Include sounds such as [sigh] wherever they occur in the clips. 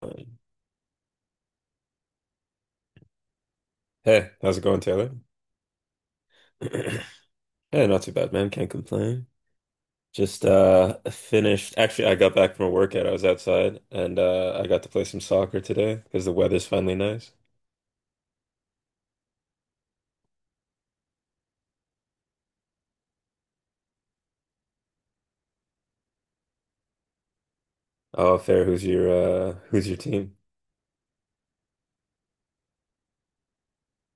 Fine. Hey, how's it going, Taylor? [clears throat] Yeah, not too bad, man. Can't complain. Just finished. Actually, I got back from a workout. I was outside, and I got to play some soccer today because the weather's finally nice. Oh, fair. Who's your team?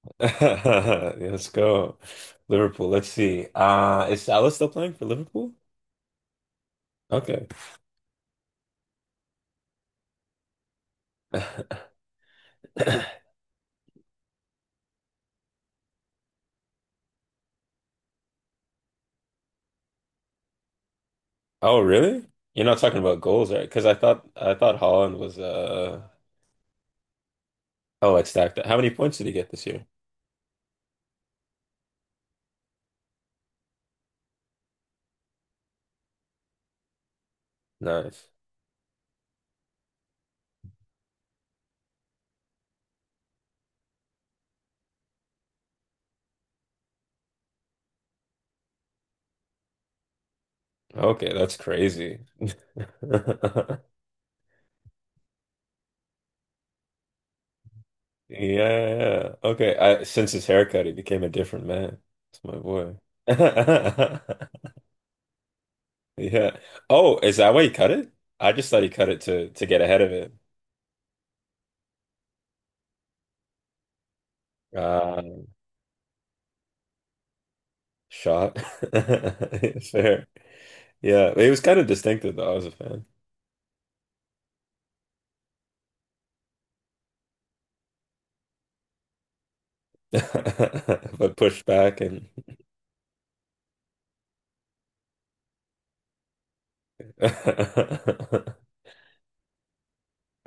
[laughs] Yeah, let's go. Liverpool. Let's see. Is Salah still playing for Liverpool? Okay. [coughs] [laughs] Oh, really? You're not talking about goals, right? Because I thought Holland was oh, like, stacked up. How many points did he get this year? Nice. Okay, that's crazy. [laughs] Yeah, yeah. Okay, I, since his haircut, he became a different man. It's my boy. [laughs] Yeah. Oh, is that why he cut it? I just thought he cut it to get ahead of it. Uh, shot. [laughs] Fair. Yeah, it was kind of distinctive though. I was a fan, [laughs] but pushed back and. [laughs]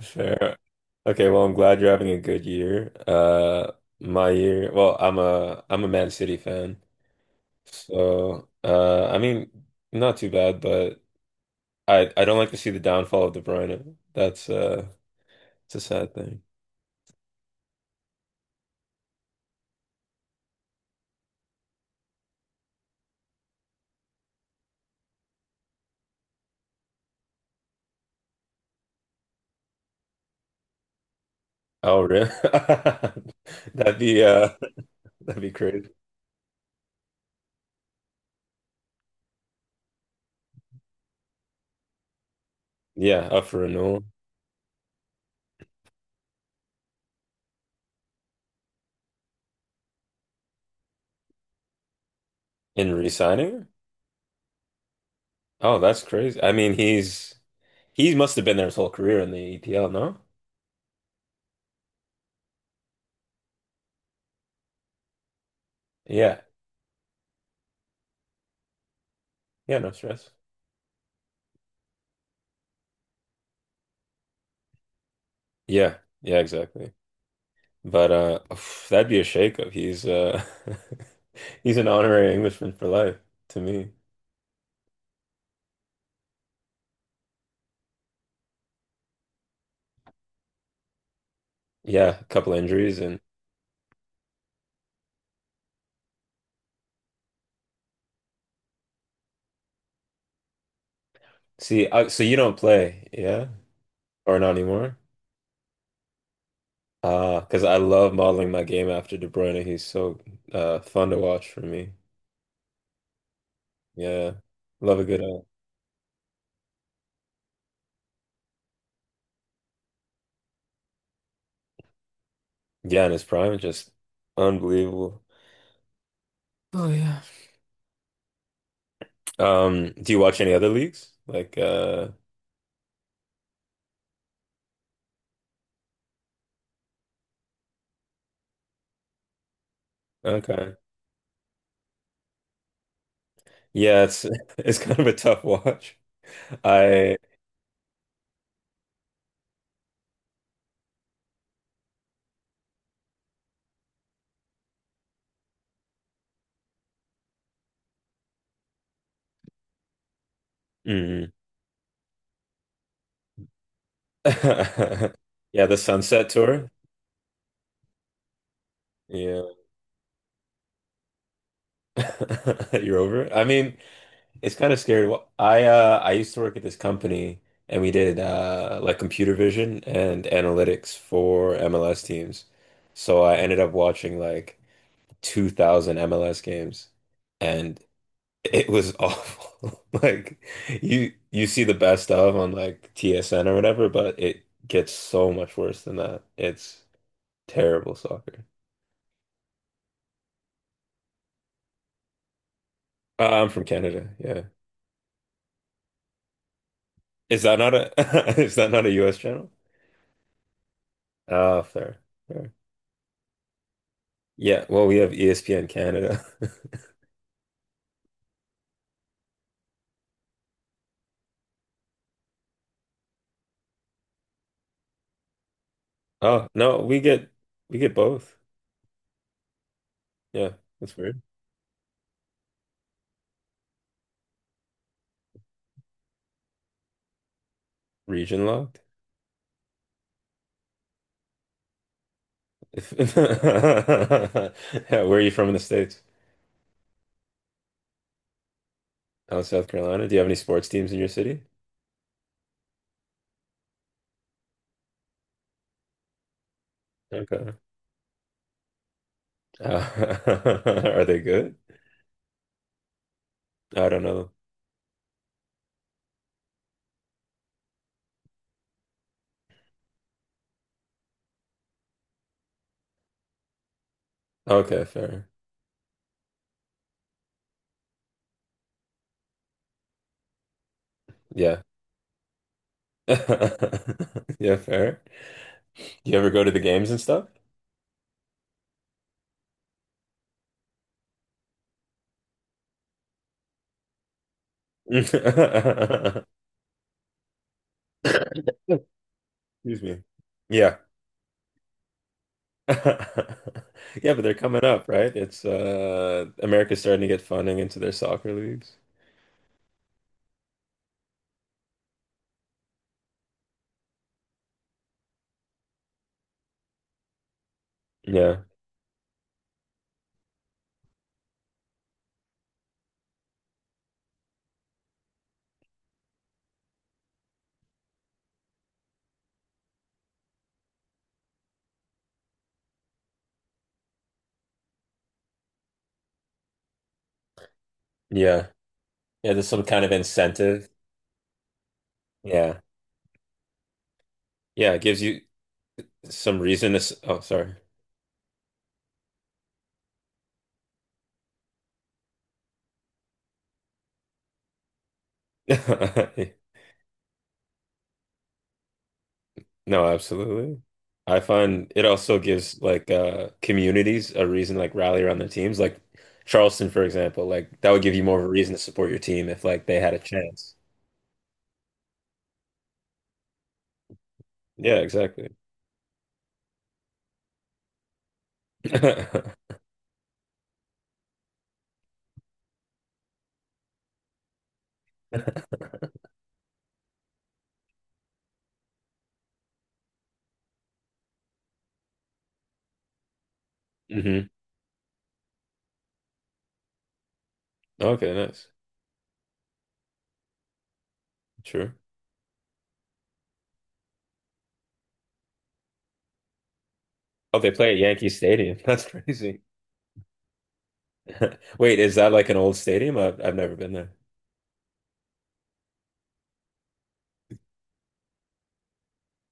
Fair. Okay, well, I'm glad you're having a good year. My year, well, I'm a Man City fan. So, I mean, not too bad, but I don't like to see the downfall of De Bruyne. That's it's a sad thing. Oh, really? [laughs] That'd be uh that'd be crazy. Yeah, up for renewal in re-signing? Her? Oh, that's crazy. I mean, he must have been there his whole career in the EPL, no? Yeah. Yeah, no stress. Yeah. Yeah, exactly. But oof, that'd be a shakeup. He's [laughs] he's an honorary Englishman for life to me. Yeah, a couple injuries and see. So you don't play, yeah, or not anymore? Ah, because I love modeling my game after De Bruyne. He's so fun to watch for me. Yeah, love a good yeah, in his prime, just unbelievable. Oh yeah. Do you watch any other leagues? Like okay, yeah, it's [laughs] it's kind of a tough [laughs] watch. I. Mm. [laughs] Yeah, the Sunset Tour. Yeah. [laughs] You're over it. I mean, it's kind of scary. Well, I used to work at this company, and we did like computer vision and analytics for MLS teams. So I ended up watching like 2000 MLS games, and it was awful. [laughs] Like you see the best of on like TSN or whatever, but it gets so much worse than that. It's terrible soccer. I'm from Canada. Yeah. Is that not a [laughs] is that not a US channel? Ah, fair. Fair. Yeah, well, we have ESPN Canada. [laughs] Oh, no, we get both. Yeah, that's weird. Region locked. If, [laughs] yeah, where are you from in the States? Oh, South Carolina. Do you have any sports teams in your city? Okay. Uh, [laughs] are they good? I don't know. Okay, fair. Yeah. [laughs] Yeah, fair. Do you ever go to the games and stuff? [laughs] [laughs] Excuse me. Yeah. [laughs] Yeah, but they're coming up, right? It's America's starting to get funding into their soccer leagues. Yeah. Yeah. Yeah, there's some kind of incentive. Yeah. Yeah, it gives you some reason to s- oh, sorry. [laughs] No, absolutely. I find it also gives like communities a reason to like rally around their teams. Like Charleston, for example, like that would give you more of a reason to support your team if like they had a chance. Yeah, exactly. [laughs] Hmm. Okay, nice. True. Oh, they play at Yankee Stadium. [laughs] That's crazy. [laughs] Wait, is that like an old stadium? I've never been there.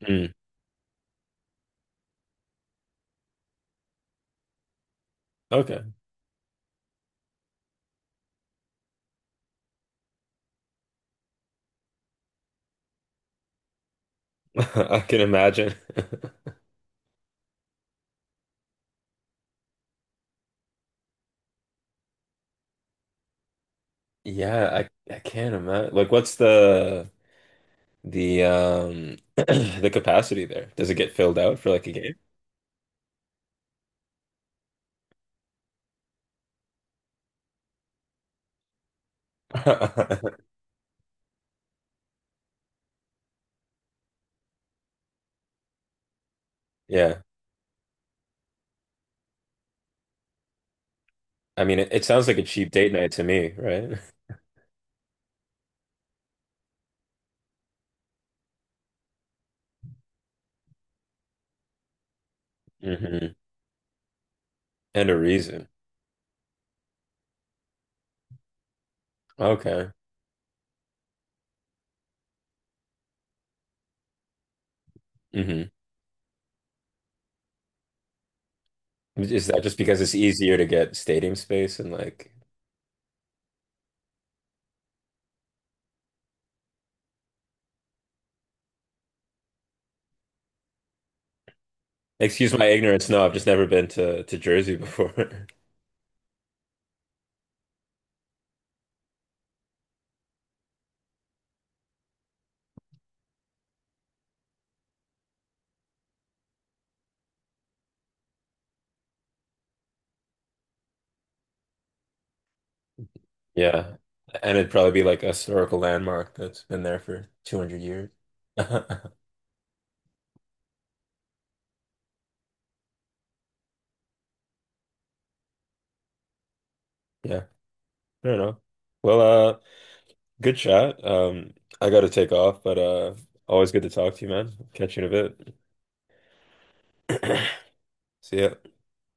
Mm. Okay. [laughs] I can imagine. [laughs] Yeah, I can't imagine. Like, what's the [clears throat] the capacity there? Does it get filled out for like a game? [laughs] Yeah. I mean, it sounds like a cheap date night to me, right? [laughs] Hmm. And a reason. Okay. Hmm. Is that just because it's easier to get stadium space and like excuse my ignorance. No, I've just never been to Jersey before. [laughs] Yeah. And it'd probably be like a historical landmark that's been there for 200 years. [laughs] Yeah. I don't know. Well, uh, good chat. I gotta take off, but always good to talk to you, man. Catch you in a bit. [clears throat] See ya.